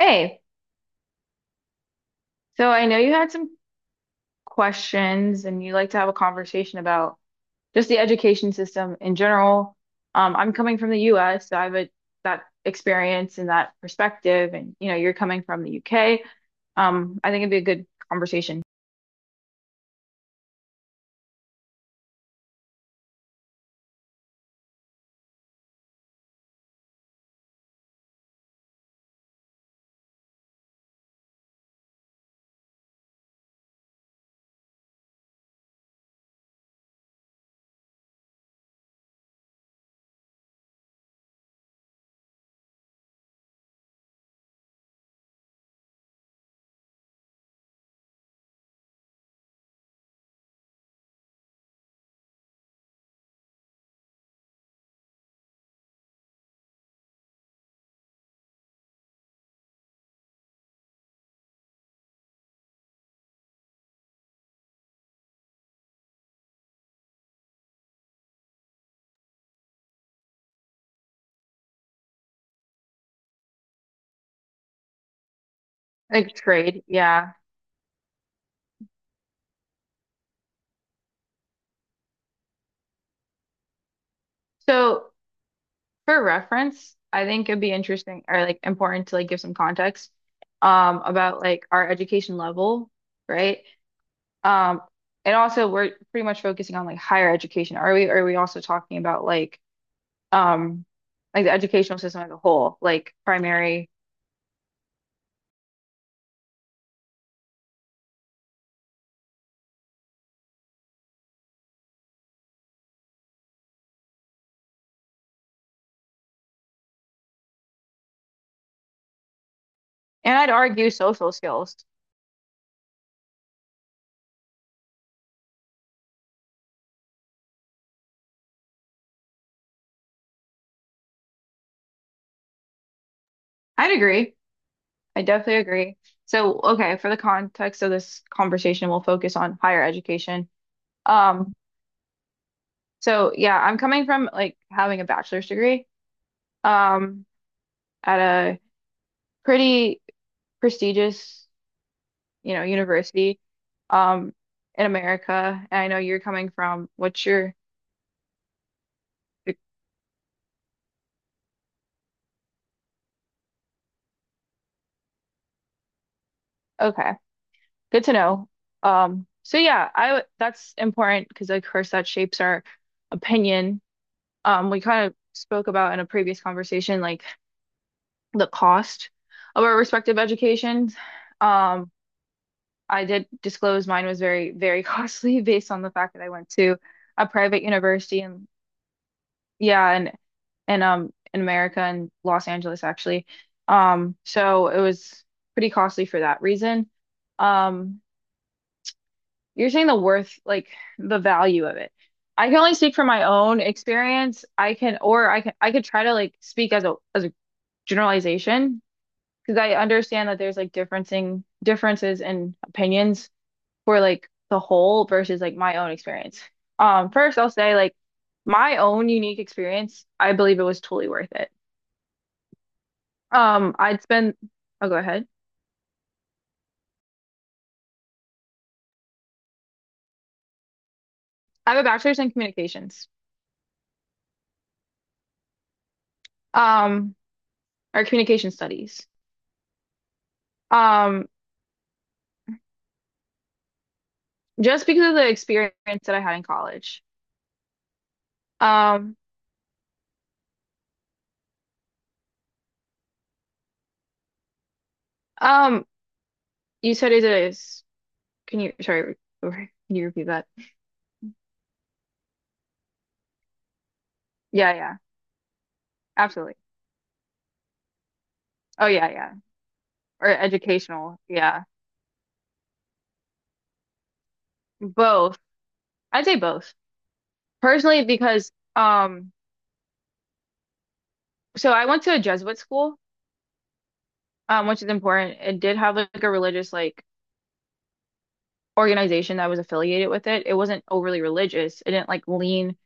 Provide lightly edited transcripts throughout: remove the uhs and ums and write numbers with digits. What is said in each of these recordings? Hey, so I know you had some questions and you like to have a conversation about just the education system in general. I'm coming from the US, so I have a, that experience and that perspective, and you know, you're coming from the UK. I think it'd be a good conversation. Like trade, yeah. So for reference, I think it'd be interesting or like important to like give some context about like our education level, right? Um, and also we're pretty much focusing on like higher education. Are we also talking about um like the educational system as a whole, like primary and I'd argue social skills. I'd agree. I definitely agree. So, okay, for the context of this conversation, we'll focus on higher education. Um, so yeah, I'm coming from like having a bachelor's degree um at a pretty prestigious you know, university um in America. And I know you're coming from what's your okay, good to know. So yeah, that's important because of course that shapes our opinion. We kind of spoke about in a previous conversation like the cost of our respective educations. Um I did disclose mine was very, very costly based on the fact that I went to a private university and yeah, and in America and Los Angeles actually. So it was pretty costly for that reason. Um, you're saying the worth, like the value of it. I can only speak from my own experience. I can, or I can, I could try to like speak as a generalization because I understand that there's like differencing differences in opinions for like the whole versus like my own experience. First I'll say like my own unique experience, I believe it was totally worth it. Um, I'd spend, oh, go ahead. I have a bachelor's in communications, um, or communication studies. Um, just because of the experience that I had in college. Um, um, you said it is. Can you, sorry, can you repeat that? Yeah, yeah, absolutely. Oh, yeah, yeah. Or educational. Yeah. Both. I'd say both. Personally, because, so I went to a Jesuit school, which is important. It did have like a religious, like, organization that was affiliated with it. It wasn't overly religious. It didn't like lean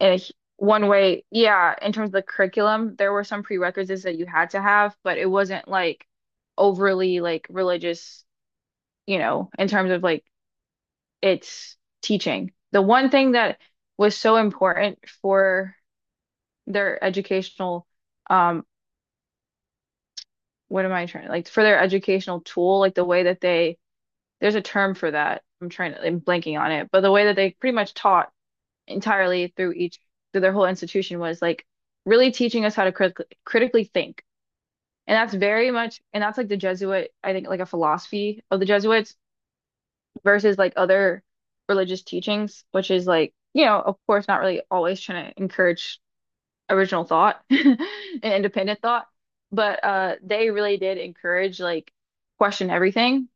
in a, one way. Yeah, in terms of the curriculum, there were some prerequisites that you had to have, but it wasn't like overly like religious, you know, in terms of like its teaching. The one thing that was so important for their educational, um, what am I trying like for their educational tool, like the way that they, there's a term for that. I'm blanking on it, but the way that they pretty much taught entirely through each through their whole institution was like really teaching us how to critically think. And that's like the Jesuit, I think, like a philosophy of the Jesuits versus like other religious teachings, which is like, you know, of course, not really always trying to encourage original thought and independent thought, but they really did encourage like question everything.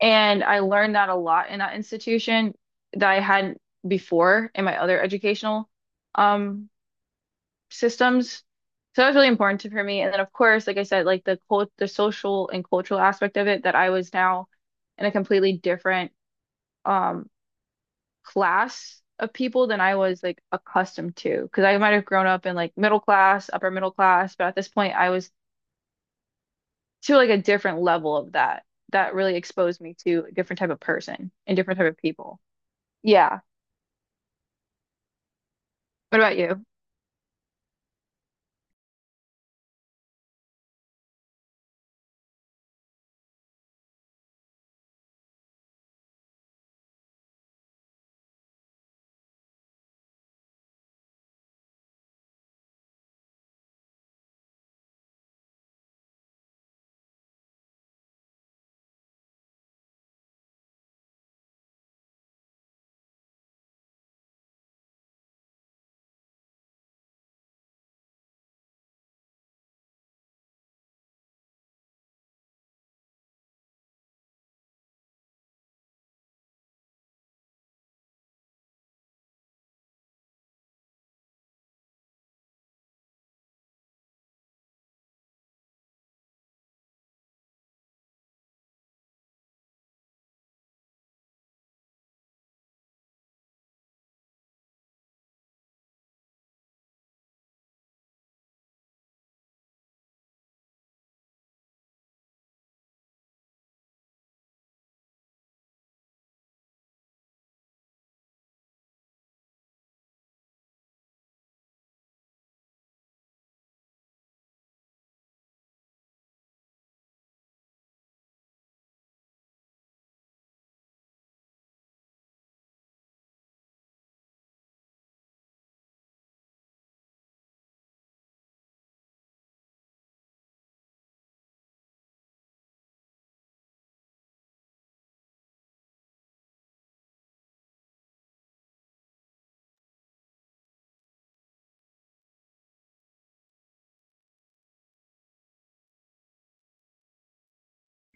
And I learned that a lot in that institution that I hadn't before in my other educational um systems. So that was really important to, for me. And then of course, like I said, like the social and cultural aspect of it, that I was now in a completely different um class of people than I was like accustomed to. Because I might have grown up in like middle class, upper middle class, but at this point I was to like a different level of that. That really exposed me to a different type of person and different type of people. Yeah. What about you?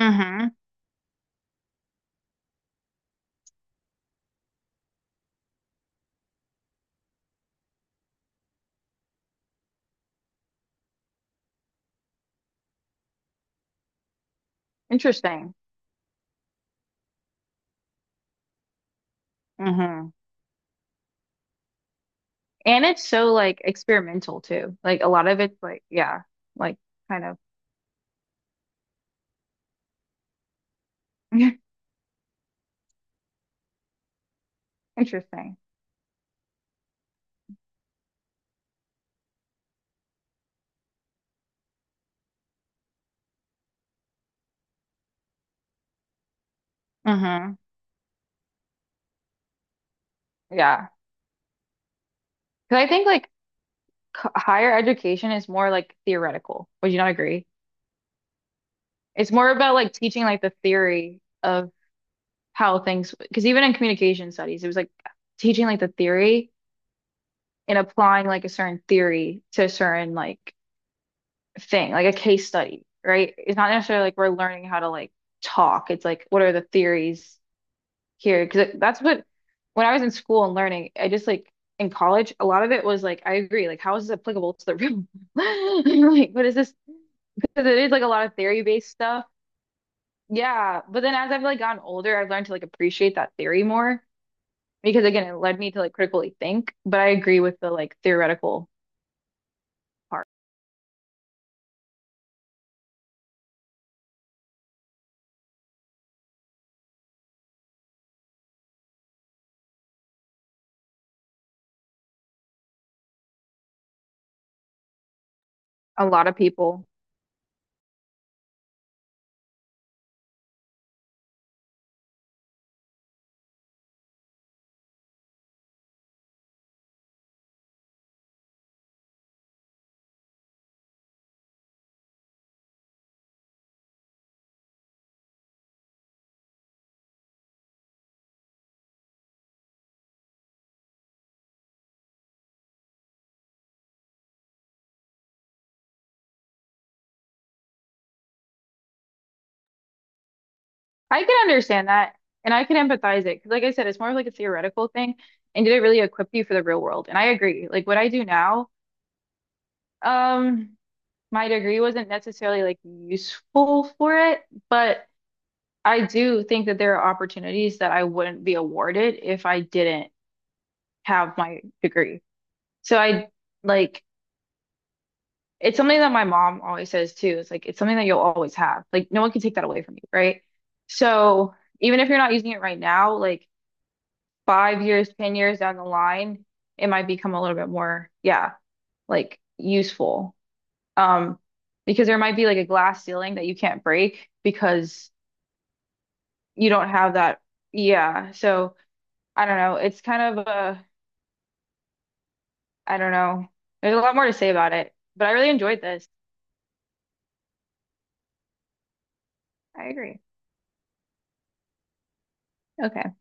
Mm-hmm. Interesting. Mm-hmm. And it's so like experimental too. Like a lot of it's like, yeah, like kind of interesting. Hmm Yeah. Because I think like c higher education is more like theoretical. Would you not agree? It's more about like teaching like the theory of how things, because even in communication studies, it was like teaching like the theory and applying like a certain theory to a certain like thing, like a case study, right? It's not necessarily like we're learning how to like talk. It's like, what are the theories? Here because that's what when I was in school and learning, I just like in college, a lot of it was like I agree, like how is this applicable to the room? Like what is this? Because it is like a lot of theory based stuff. Yeah, but then as I've like gotten older, I've learned to like appreciate that theory more because again, it led me to like critically think. But I agree with the like theoretical part. A lot of people, I can understand that and I can empathize it because like I said, it's more of like a theoretical thing. And did it really equip you for the real world? And I agree. Like what I do now, um, my degree wasn't necessarily like useful for it, but I do think that there are opportunities that I wouldn't be awarded if I didn't have my degree. So I like it's something that my mom always says too. It's like it's something that you'll always have. Like no one can take that away from you, right? So even if you're not using it right now, like 5 years, 10 years down the line, it might become a little bit more, yeah, like useful. Um, because there might be like a glass ceiling that you can't break because you don't have that. Yeah. So I don't know. It's kind of a, I don't know. There's a lot more to say about it, but I really enjoyed this. I agree. Okay.